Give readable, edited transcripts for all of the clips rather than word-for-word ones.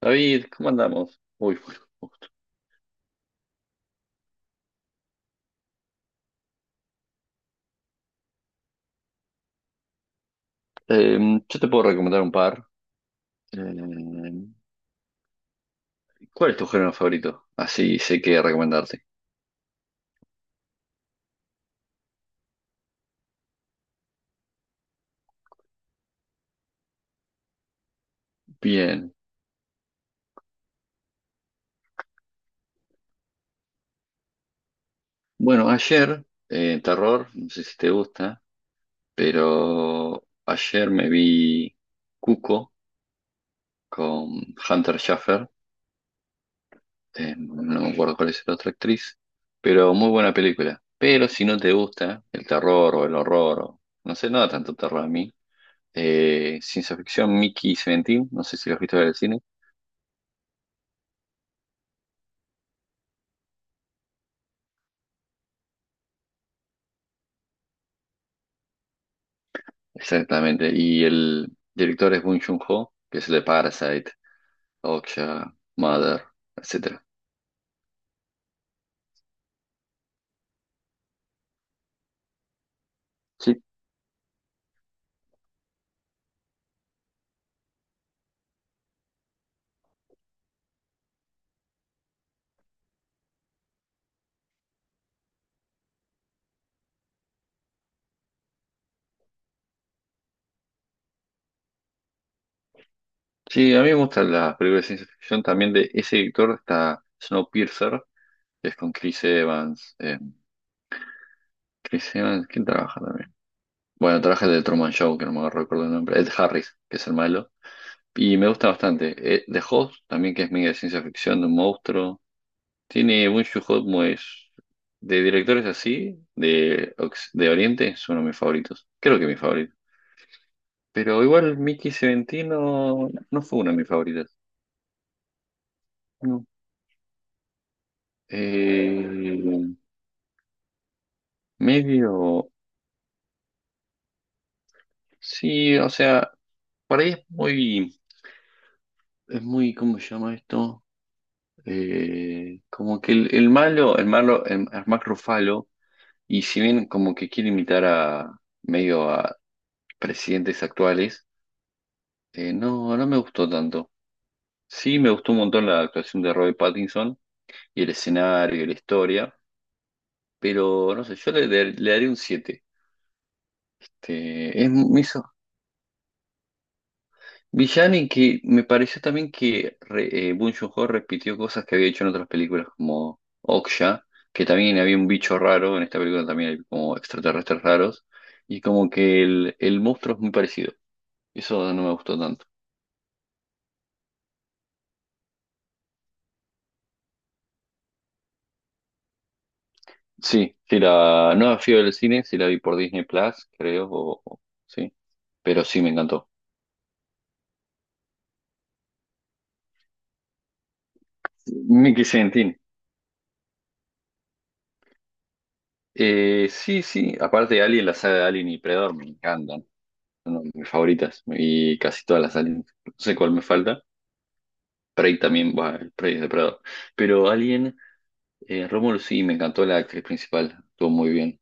David, ¿cómo andamos? Uy, uy. Yo te puedo recomendar un par. Em, ¿cuál es tu género favorito? Así sé qué recomendarte. Bien. Bueno, ayer, terror, no sé si te gusta, pero ayer me vi Cuco con Hunter Schafer. No me acuerdo cuál es la otra actriz, pero muy buena película. Pero si no te gusta el terror o el horror, o, no sé, nada tanto terror a mí. Ciencia ficción, Mickey y Seventeen, no sé si lo has visto en el cine. Exactamente. Y el director es Bong Joon-ho, que es el de Parasite, Okja, Mother, etcétera. Sí. Sí, a mí me gustan las películas de ciencia ficción. También de ese director está Snowpiercer, que es con Chris Evans. Chris Evans, ¿quién trabaja también? Bueno, trabaja el de Truman Show, que no me recuerdo el nombre. Ed Harris, que es el malo. Y me gusta bastante. The Host, también que es medio de ciencia ficción, de un monstruo. Tiene Bong joon es de directores así, de Oriente, es uno de mis favoritos. Creo que mi favorito. Pero igual Mickey Seventino no fue uno de mis favoritos. No. Eh, medio. Sí, o sea, por ahí es muy. Es muy, ¿cómo se llama esto? Como que el malo, el malo, el Mark Ruffalo, y si bien como que quiere imitar a medio a presidentes actuales, no, no me gustó tanto. Sí, me gustó un montón la actuación de Robert Pattinson y el escenario y la historia, pero no sé, yo le daré un 7. Este, es me hizo villano y que me pareció también que Bong Joon-ho repitió cosas que había hecho en otras películas como Okja, que también había un bicho raro, en esta película también hay como extraterrestres raros, y como que el monstruo es muy parecido. Eso no me gustó tanto. Sí, sí la no fui del cine, sí la vi por Disney Plus, creo, sí, pero sí me encantó. Nicky Sentin. Sí, sí, aparte de Alien, la saga de Alien y Predator me encantan. Son de mis favoritas y casi todas las Alien. No sé cuál me falta. Prey también, va, el Prey es de Predator. Pero Alien, Romulus sí, me encantó la actriz principal, estuvo muy bien.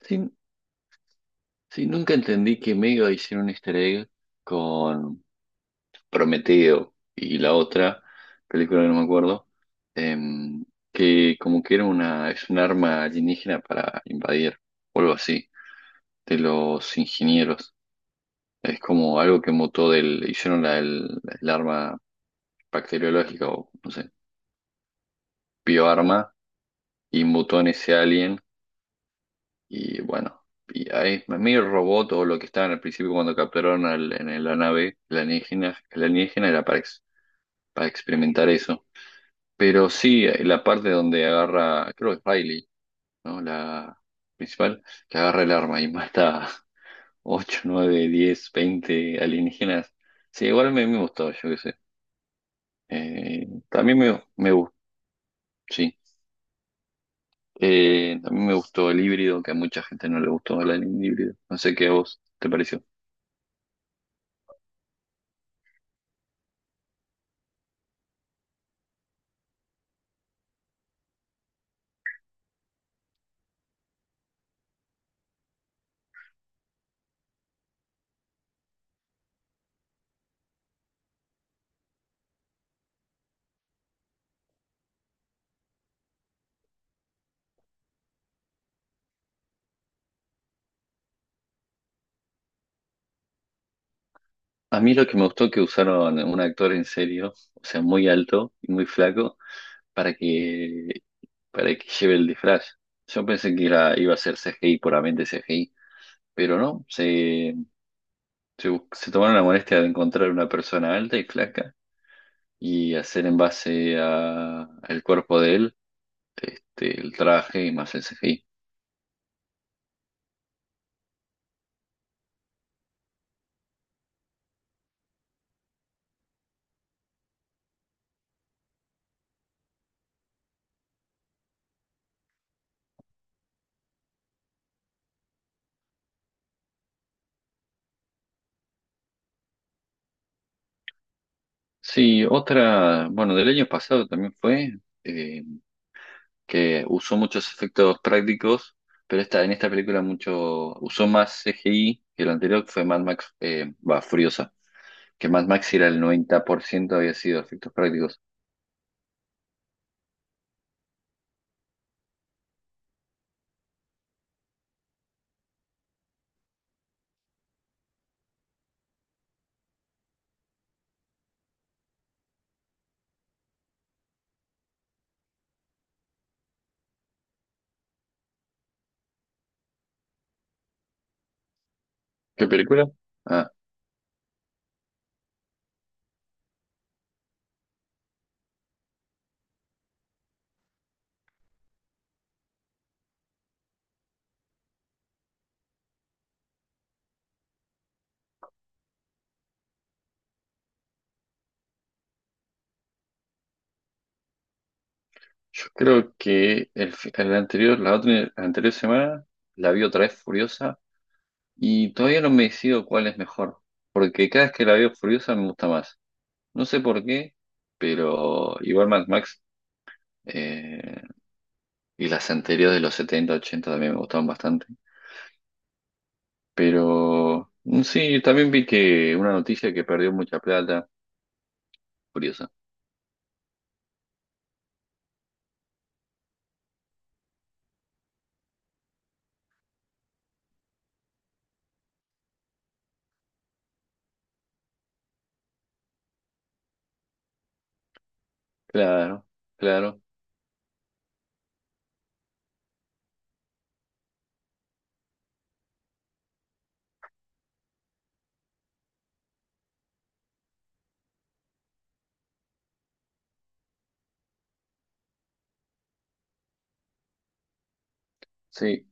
Sí, sí, nunca entendí que Mega hicieron un easter egg con Prometeo y la otra película que no me acuerdo, em, que como que era es un arma alienígena para invadir o algo así, de los ingenieros. Es como algo que mutó del, hicieron el arma bacteriológica o no sé, bioarma y mutó en ese alien y bueno, y ahí medio robot o lo que estaban al principio cuando capturaron en la nave, el alienígena era para experimentar eso. Pero sí, la parte donde agarra, creo que es Riley, ¿no? La principal, que agarra el arma y mata 8 9 10 20 alienígenas. Sí, igual me gustó, yo qué sé. También me gustó, sí. También me gustó el híbrido, que a mucha gente no le gustó el anime híbrido. No sé qué a vos te pareció. A mí lo que me gustó que usaron un actor en serio, o sea, muy alto y muy flaco, para que, para que lleve el disfraz. Yo pensé que iba a ser C G CGI, puramente CGI, pero no, se tomaron la molestia de encontrar una persona alta y flaca y hacer en base al cuerpo de él, este, el traje y más el C CGI. Sí, otra, bueno, del año pasado también fue, eh, que usó muchos efectos prácticos, pero en esta película mucho, usó más CGI que lo anterior, que fue Mad Max, va, Furiosa, que Mad Max era el 90% había sido efectos prácticos. ¿Qué película? Ah, yo creo que el anterior, la otra, la anterior semana la vi otra vez Furiosa y todavía no me decido cuál es mejor, porque cada vez que la veo Furiosa me gusta más. No sé por qué. Pero igual Mad Max, Eh, y las anteriores de los 70 80 también me gustaban bastante. Pero sí, también vi que una noticia que perdió mucha plata. Curiosa. Claro, claro. Sí,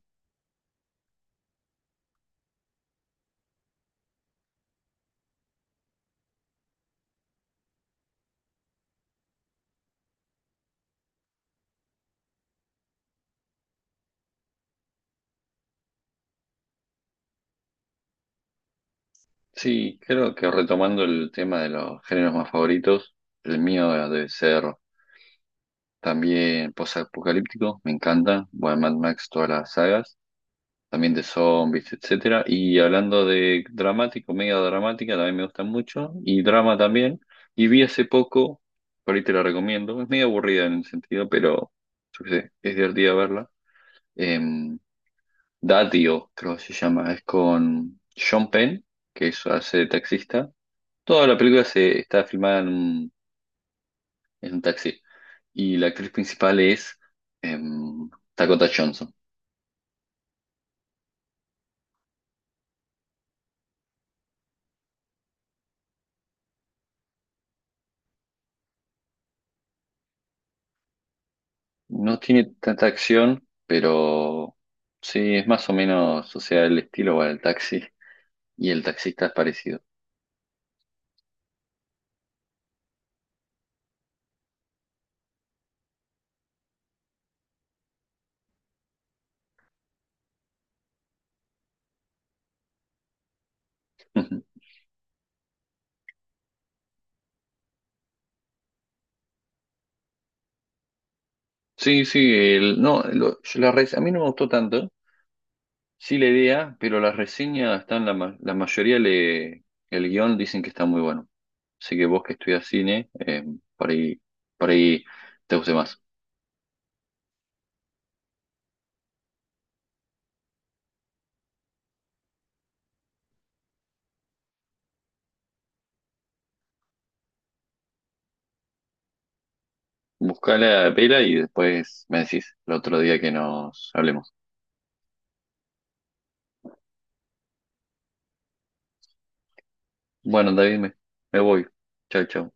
sí, creo que retomando el tema de los géneros más favoritos, el mío debe ser también post-apocalíptico. Me encanta. Bueno, Mad Max, todas las sagas. También de zombies, etcétera. Y hablando de dramático, media dramática, también me gustan mucho, y drama también. Y vi hace poco, por ahí te la recomiendo, es medio aburrida en el sentido, pero yo qué sé, es divertida verla. Em, Datio, creo que se llama, es con Sean Penn, que es, hace de taxista. Toda la película se está filmada en un, taxi. Y la actriz principal es em, Dakota Johnson. No tiene tanta acción, pero sí, es más o menos, o sea, el estilo va del taxi y el taxista es parecido. Ujú. Sí, sí, no, a mí no me gustó tanto, sí la idea, pero las reseñas están, la mayoría el guión dicen que está muy bueno. Así que vos que estudias cine, por ahí, por ahí te guste más. Buscá la pela y después me decís el otro día que nos hablemos. Bueno, David, me voy. Chao, chao.